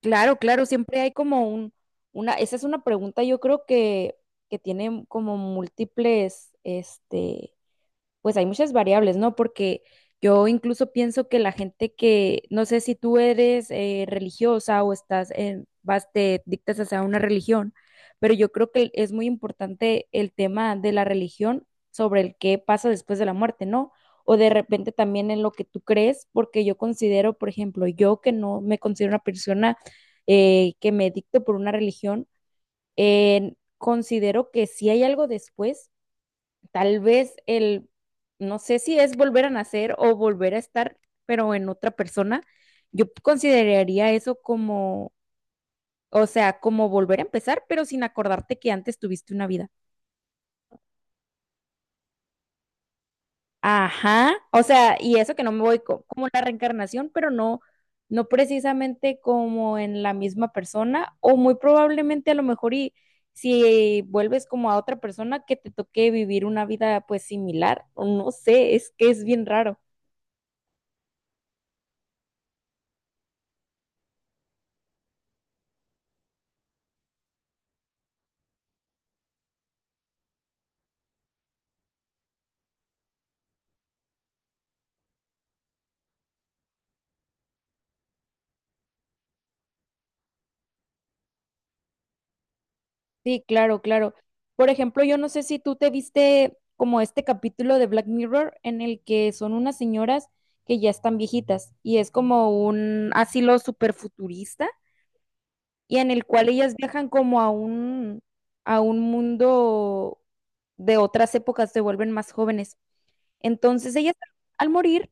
Claro, claro, siempre hay como un, una, esa es una pregunta yo creo que tiene como múltiples, pues hay muchas variables, ¿no? Porque yo incluso pienso que la gente que, no sé si tú eres religiosa o estás en, vas, te dictas hacia una religión, pero yo creo que es muy importante el tema de la religión sobre el qué pasa después de la muerte, ¿no? O de repente también en lo que tú crees, porque yo considero, por ejemplo, yo que no me considero una persona que me dicto por una religión, considero que si hay algo después, tal vez el, no sé si es volver a nacer o volver a estar, pero en otra persona, yo consideraría eso como, o sea, como volver a empezar, pero sin acordarte que antes tuviste una vida. Ajá, o sea, y eso que no me voy como la reencarnación, pero no, no precisamente como en la misma persona, o muy probablemente a lo mejor y si vuelves como a otra persona que te toque vivir una vida pues similar, o no sé, es que es bien raro. Sí, claro, claro. Por ejemplo, yo no sé si tú te viste como este capítulo de Black Mirror en el que son unas señoras que ya están viejitas y es como un asilo súper futurista y en el cual ellas viajan como a un mundo de otras épocas, se vuelven más jóvenes. Entonces ellas al morir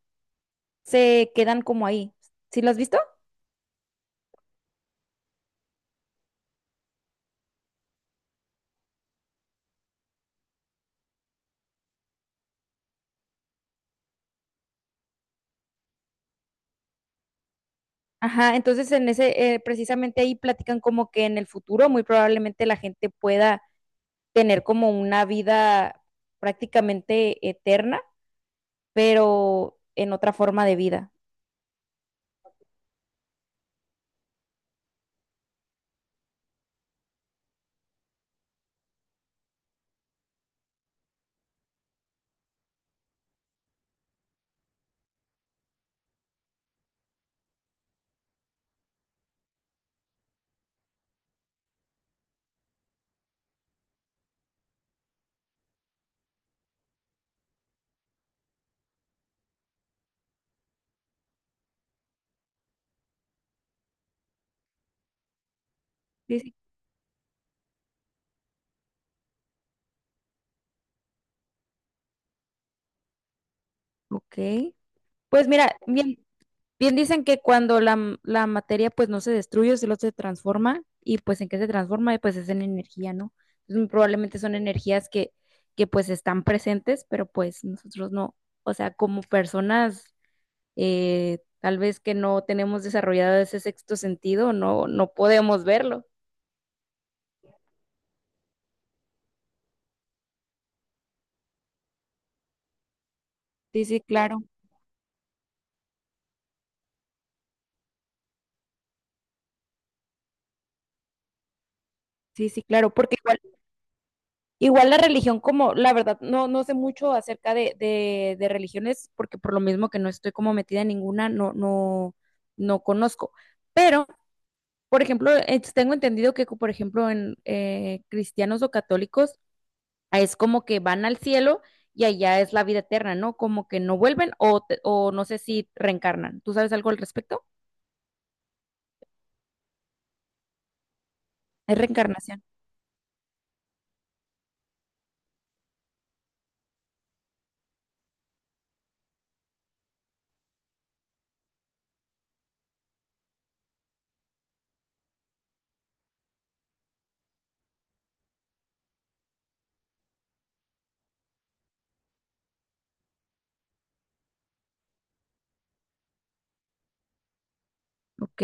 se quedan como ahí. ¿Sí lo has visto? Ajá, entonces en ese, precisamente ahí platican como que en el futuro muy probablemente la gente pueda tener como una vida prácticamente eterna, pero en otra forma de vida. Sí, sí. Ok. Pues mira, bien. Bien dicen que cuando la materia pues no se destruye, solo se transforma y pues en qué se transforma, pues es en energía, ¿no? Entonces, probablemente son energías que pues están presentes, pero pues nosotros no, o sea, como personas tal vez que no tenemos desarrollado ese sexto sentido, no, no podemos verlo. Sí, sí, claro. Sí, sí, claro, porque igual igual la religión, como la verdad, no, no sé mucho acerca de religiones, porque por lo mismo que no estoy como metida en ninguna, no, no, no conozco. Pero, por ejemplo, tengo entendido que, por ejemplo, en cristianos o católicos, ah, es como que van al cielo y allá es la vida eterna, ¿no? Como que no vuelven o, o no sé si reencarnan. ¿Tú sabes algo al respecto? Es reencarnación. Ok,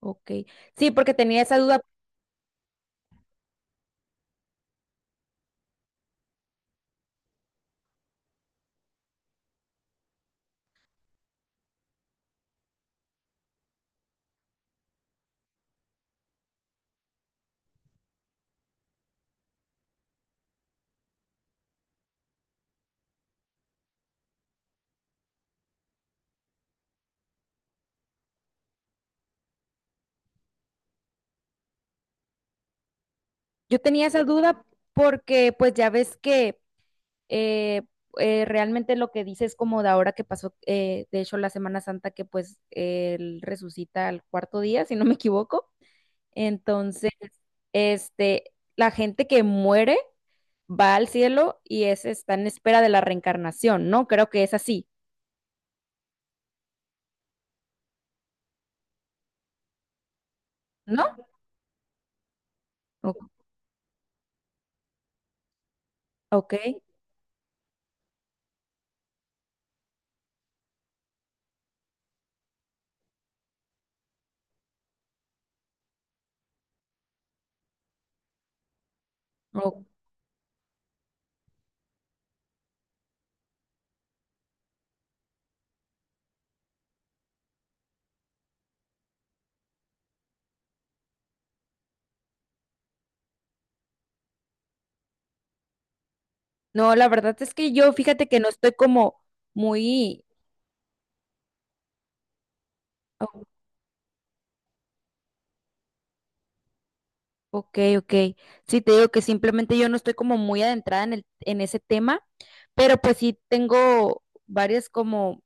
ok. Sí, porque tenía esa duda. Yo tenía esa duda porque pues ya ves que eh, realmente lo que dice es como de ahora que pasó, de hecho, la Semana Santa, que pues él resucita al cuarto día, si no me equivoco. Entonces, este, la gente que muere va al cielo y es, está en espera de la reencarnación, ¿no? Creo que es así, ¿no? O- ok. o- no, la verdad es que yo, fíjate que no estoy como muy... Ok, ok. Sí, te digo que simplemente yo no estoy como muy adentrada en el, en ese tema, pero pues sí tengo varias como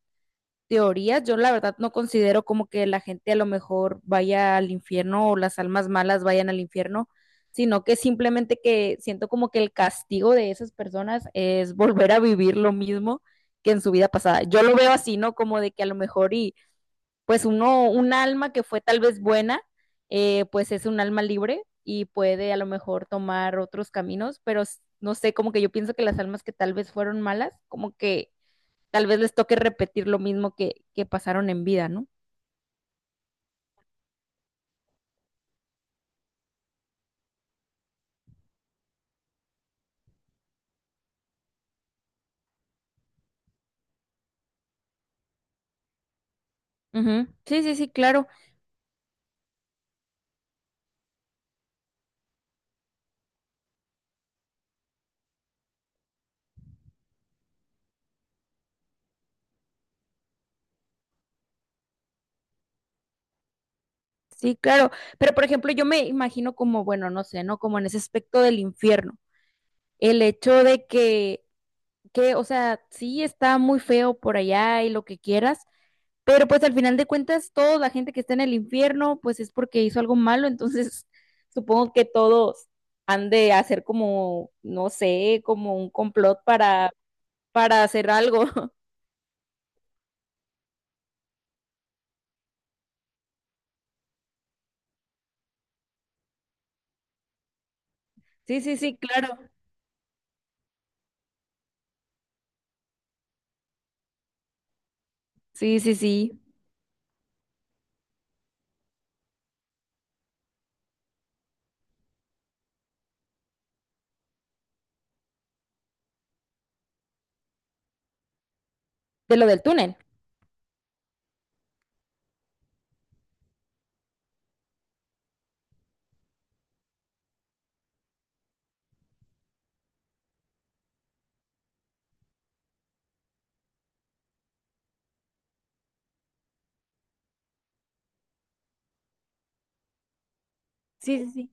teorías. Yo la verdad no considero como que la gente a lo mejor vaya al infierno o las almas malas vayan al infierno, sino que simplemente que siento como que el castigo de esas personas es volver a vivir lo mismo que en su vida pasada. Yo lo veo así, ¿no? Como de que a lo mejor y pues uno, un alma que fue tal vez buena, pues es un alma libre y puede a lo mejor tomar otros caminos, pero no sé, como que yo pienso que las almas que tal vez fueron malas, como que tal vez les toque repetir lo mismo que pasaron en vida, ¿no? Ujú. Sí, sí, sí, claro, sí, claro. Pero por ejemplo, yo me imagino como, bueno, no sé, ¿no? Como en ese aspecto del infierno, el hecho de que, o sea, sí está muy feo por allá y lo que quieras. Pero pues al final de cuentas, toda la gente que está en el infierno, pues es porque hizo algo malo, entonces supongo que todos han de hacer como, no sé, como un complot para hacer algo. Sí, sí, sí, claro. Sí, sí, sí. De lo del túnel. Sí, sí, sí.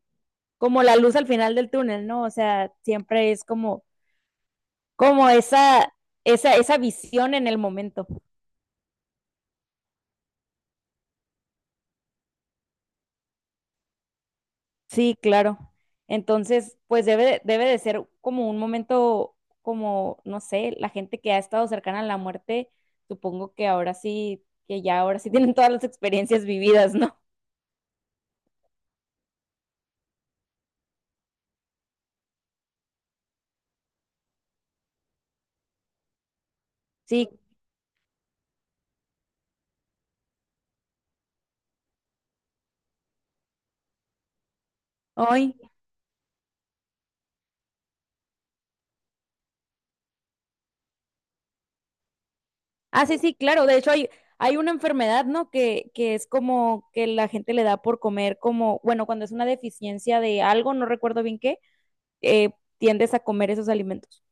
Como la luz al final del túnel, ¿no? O sea, siempre es como, como esa visión en el momento. Sí, claro. Entonces, pues debe, debe de ser como un momento, como, no sé, la gente que ha estado cercana a la muerte, supongo que ahora sí, que ya ahora sí tienen todas las experiencias vividas, ¿no? Sí, hoy. Ah, sí, sí, claro. De hecho, hay una enfermedad, ¿no? Que es como que la gente le da por comer como, bueno, cuando es una deficiencia de algo, no recuerdo bien qué, eh, tiendes a comer esos alimentos.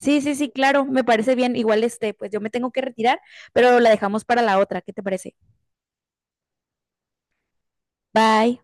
Sí, sí, sí, claro, me parece bien. Igual este, pues yo me tengo que retirar, pero la dejamos para la otra. ¿Qué te parece? Bye.